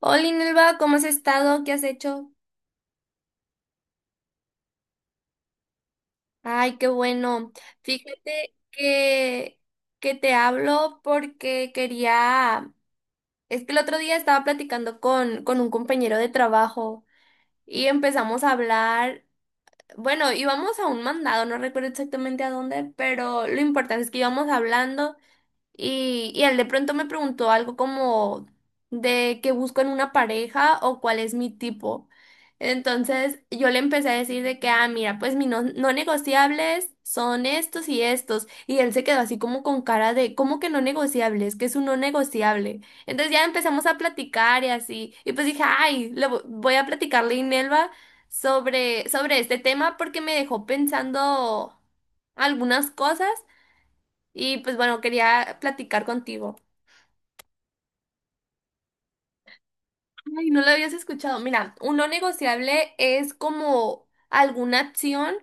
Hola, Inelva, ¿cómo has estado? ¿Qué has hecho? Ay, qué bueno. Fíjate que te hablo porque quería... Es que el otro día estaba platicando con un compañero de trabajo y empezamos a hablar... Bueno, íbamos a un mandado, no recuerdo exactamente a dónde, pero lo importante es que íbamos hablando. Y él de pronto me preguntó algo como de qué busco en una pareja o cuál es mi tipo. Entonces yo le empecé a decir de que, ah, mira, pues mis no negociables son estos y estos. Y él se quedó así como con cara de, ¿cómo que no negociables? ¿Qué es un no negociable? Entonces ya empezamos a platicar y así. Y pues dije, ay, voy a platicarle a Inelva sobre este tema porque me dejó pensando algunas cosas. Y pues bueno, quería platicar contigo. Ay, no lo habías escuchado. Mira, un no negociable es como alguna acción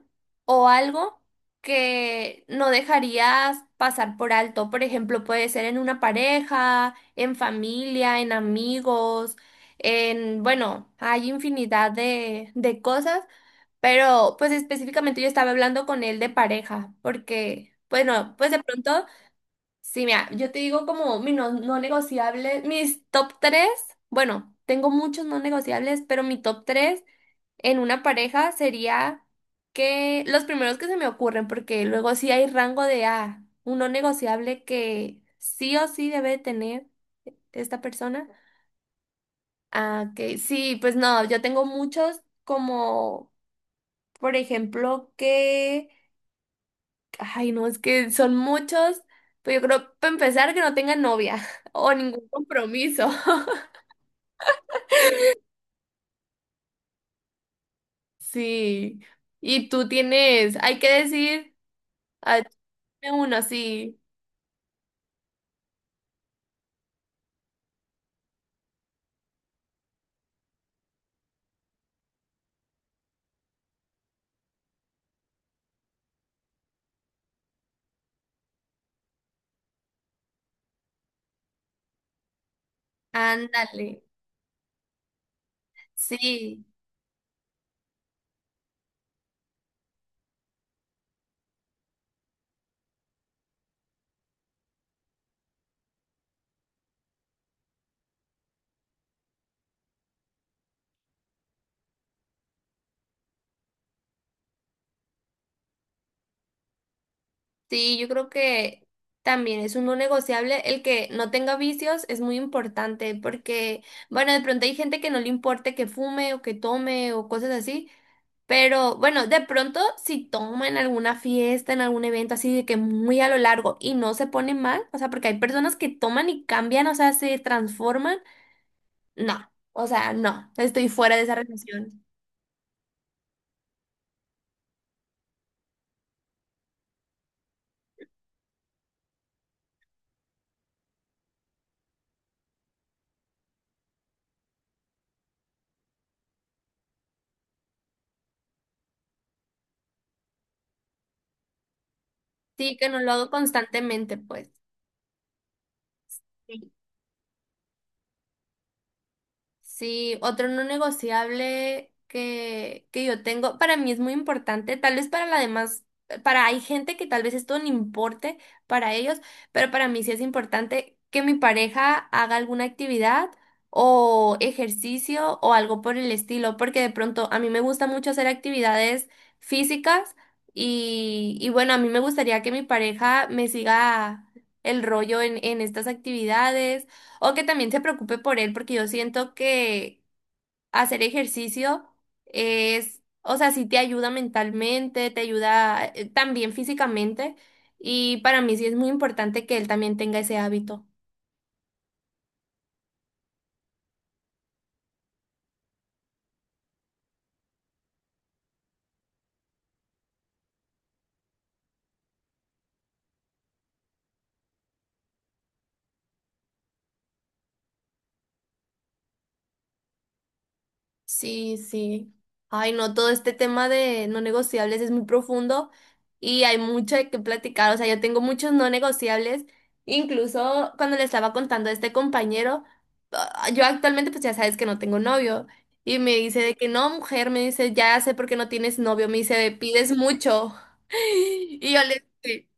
o algo que no dejarías pasar por alto. Por ejemplo, puede ser en una pareja, en familia, en amigos, en, bueno, hay infinidad de cosas, pero pues específicamente yo estaba hablando con él de pareja, porque, bueno, pues de pronto... Sí, mira, yo te digo como mi no negociable, mis top tres, bueno, tengo muchos no negociables, pero mi top tres en una pareja sería que los primeros que se me ocurren, porque luego sí hay rango de ah, un no negociable que sí o sí debe tener esta persona. Ah, que sí, pues no, yo tengo muchos como, por ejemplo, que ay, no, es que son muchos, pero yo creo, para empezar, que no tengan novia o ningún compromiso. Sí. Y tú tienes, hay que decir, ah, dime uno, sí. Ándale. Sí, sí, yo creo que también es un no negociable el que no tenga vicios, es muy importante porque, bueno, de pronto hay gente que no le importe que fume o que tome o cosas así, pero bueno, de pronto si toma en alguna fiesta, en algún evento así de que muy a lo largo y no se pone mal, o sea, porque hay personas que toman y cambian, o sea, se transforman, no, o sea, no, estoy fuera de esa relación. Sí, que no lo hago constantemente, pues. Sí, otro no negociable que yo tengo, para mí es muy importante, tal vez para la demás, para hay gente que tal vez esto no importe para ellos, pero para mí sí es importante que mi pareja haga alguna actividad o ejercicio o algo por el estilo, porque de pronto a mí me gusta mucho hacer actividades físicas y bueno, a mí me gustaría que mi pareja me siga el rollo en estas actividades o que también se preocupe por él, porque yo siento que hacer ejercicio es, o sea, sí te ayuda mentalmente, te ayuda también físicamente, y para mí sí es muy importante que él también tenga ese hábito. Sí, sí. Ay, no, todo este tema de no negociables es muy profundo y hay mucho de qué platicar. O sea, yo tengo muchos no negociables. Incluso cuando le estaba contando a este compañero, ah, yo actualmente pues ya sabes que no tengo novio. Y me dice de que no, mujer, me dice, ya sé por qué no tienes novio. Me dice, pides mucho. Y yo le dije,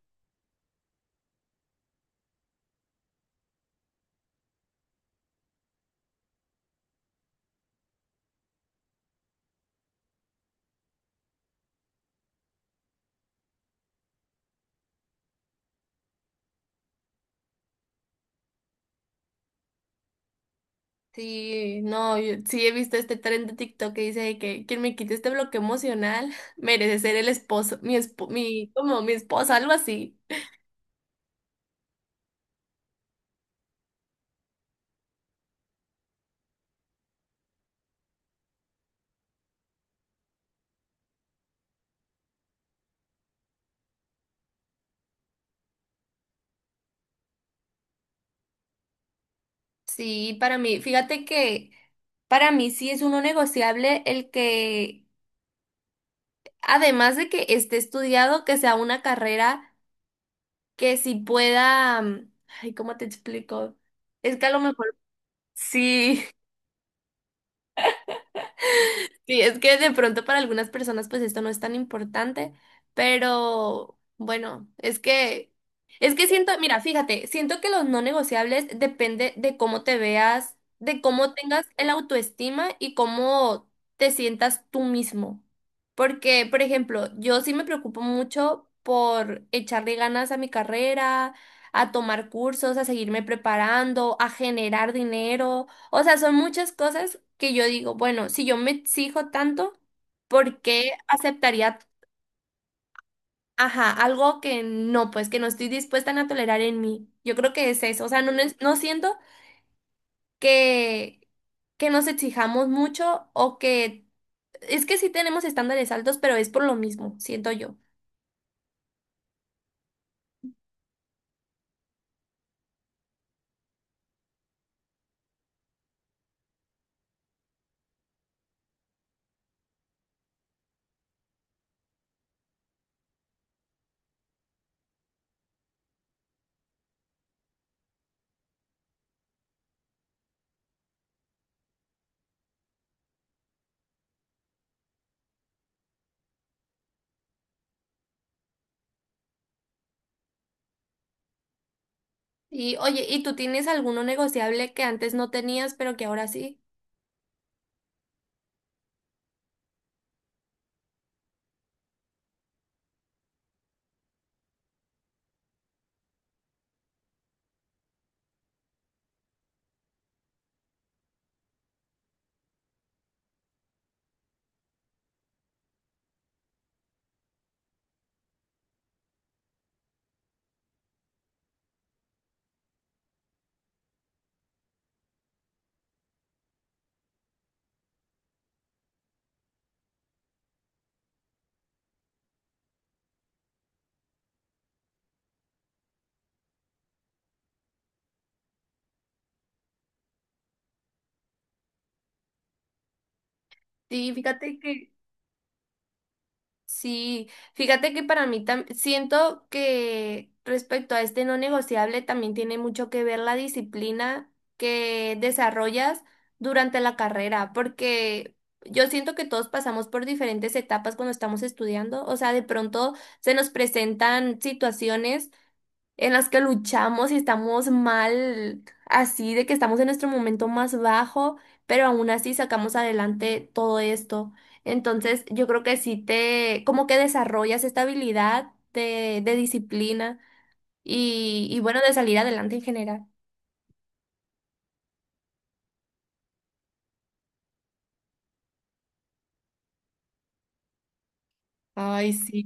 sí, no, yo sí he visto este tren de TikTok que dice de que quien me quite este bloque emocional merece ser el esposo, mi espo, mi, como mi esposa, algo así. Sí, para mí, fíjate que para mí sí es uno negociable el que, además de que esté estudiado, que sea una carrera que sí pueda, mm, ay, ¿cómo te explico? Es que a lo mejor sí. Sí, es que de pronto para algunas personas pues esto no es tan importante, pero bueno, es que siento, mira, fíjate, siento que los no negociables depende de cómo te veas, de cómo tengas el autoestima y cómo te sientas tú mismo. Porque, por ejemplo, yo sí me preocupo mucho por echarle ganas a mi carrera, a tomar cursos, a seguirme preparando, a generar dinero. O sea, son muchas cosas que yo digo, bueno, si yo me exijo tanto, ¿por qué aceptaría, ajá, algo que no, pues que no estoy dispuesta a tolerar en mí? Yo creo que es eso. O sea, no, no, es- no siento que, que nos exijamos mucho o que... Es que sí tenemos estándares altos, pero es por lo mismo, siento yo. Y oye, ¿y tú tienes alguno negociable que antes no tenías, pero que ahora sí? Sí, fíjate que sí, fíjate que para mí siento que respecto a este no negociable también tiene mucho que ver la disciplina que desarrollas durante la carrera, porque yo siento que todos pasamos por diferentes etapas cuando estamos estudiando, o sea, de pronto se nos presentan situaciones en las que luchamos y estamos mal, así de que estamos en nuestro momento más bajo, pero aún así sacamos adelante todo esto. Entonces, yo creo que sí te, como que desarrollas esta habilidad de disciplina y bueno, de salir adelante en general. Ay, sí.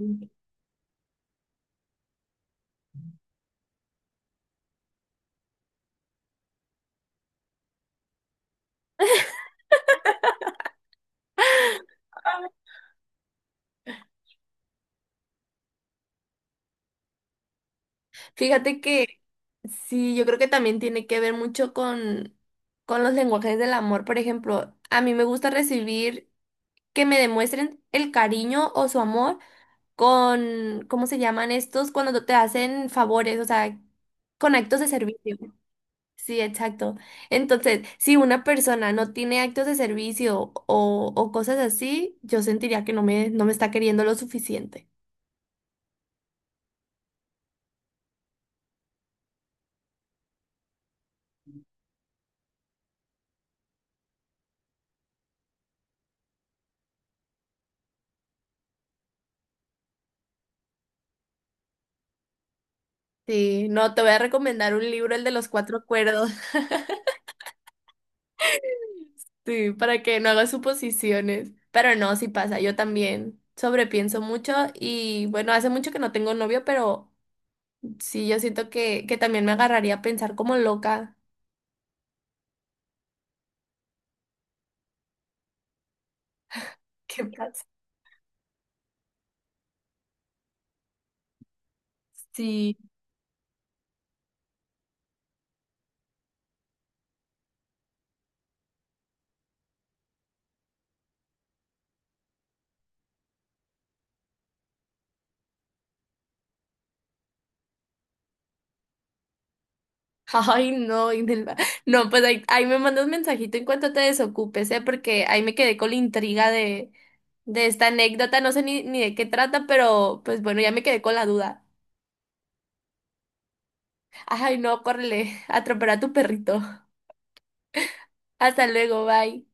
Fíjate que sí, yo creo que también tiene que ver mucho con los lenguajes del amor. Por ejemplo, a mí me gusta recibir que me demuestren el cariño o su amor con, ¿cómo se llaman estos? Cuando te hacen favores, o sea, con actos de servicio. Sí, exacto. Entonces, si una persona no tiene actos de servicio o cosas así, yo sentiría que no me, no me está queriendo lo suficiente. Sí, no, te voy a recomendar un libro, el de los cuatro acuerdos. Sí, para que no haga suposiciones. Pero no, sí pasa, yo también sobrepienso mucho y bueno, hace mucho que no tengo novio, pero sí, yo siento que también me agarraría a pensar como loca. ¿Qué pasa? Sí. Ay, no, Inelva. No, pues ahí, ahí me mandas mensajito en cuanto te desocupes, ¿eh? Porque ahí me quedé con la intriga de esta anécdota, no sé ni, ni de qué trata, pero pues bueno, ya me quedé con la duda. Ay, no, córrele, atropella a tu perrito. Hasta luego, bye.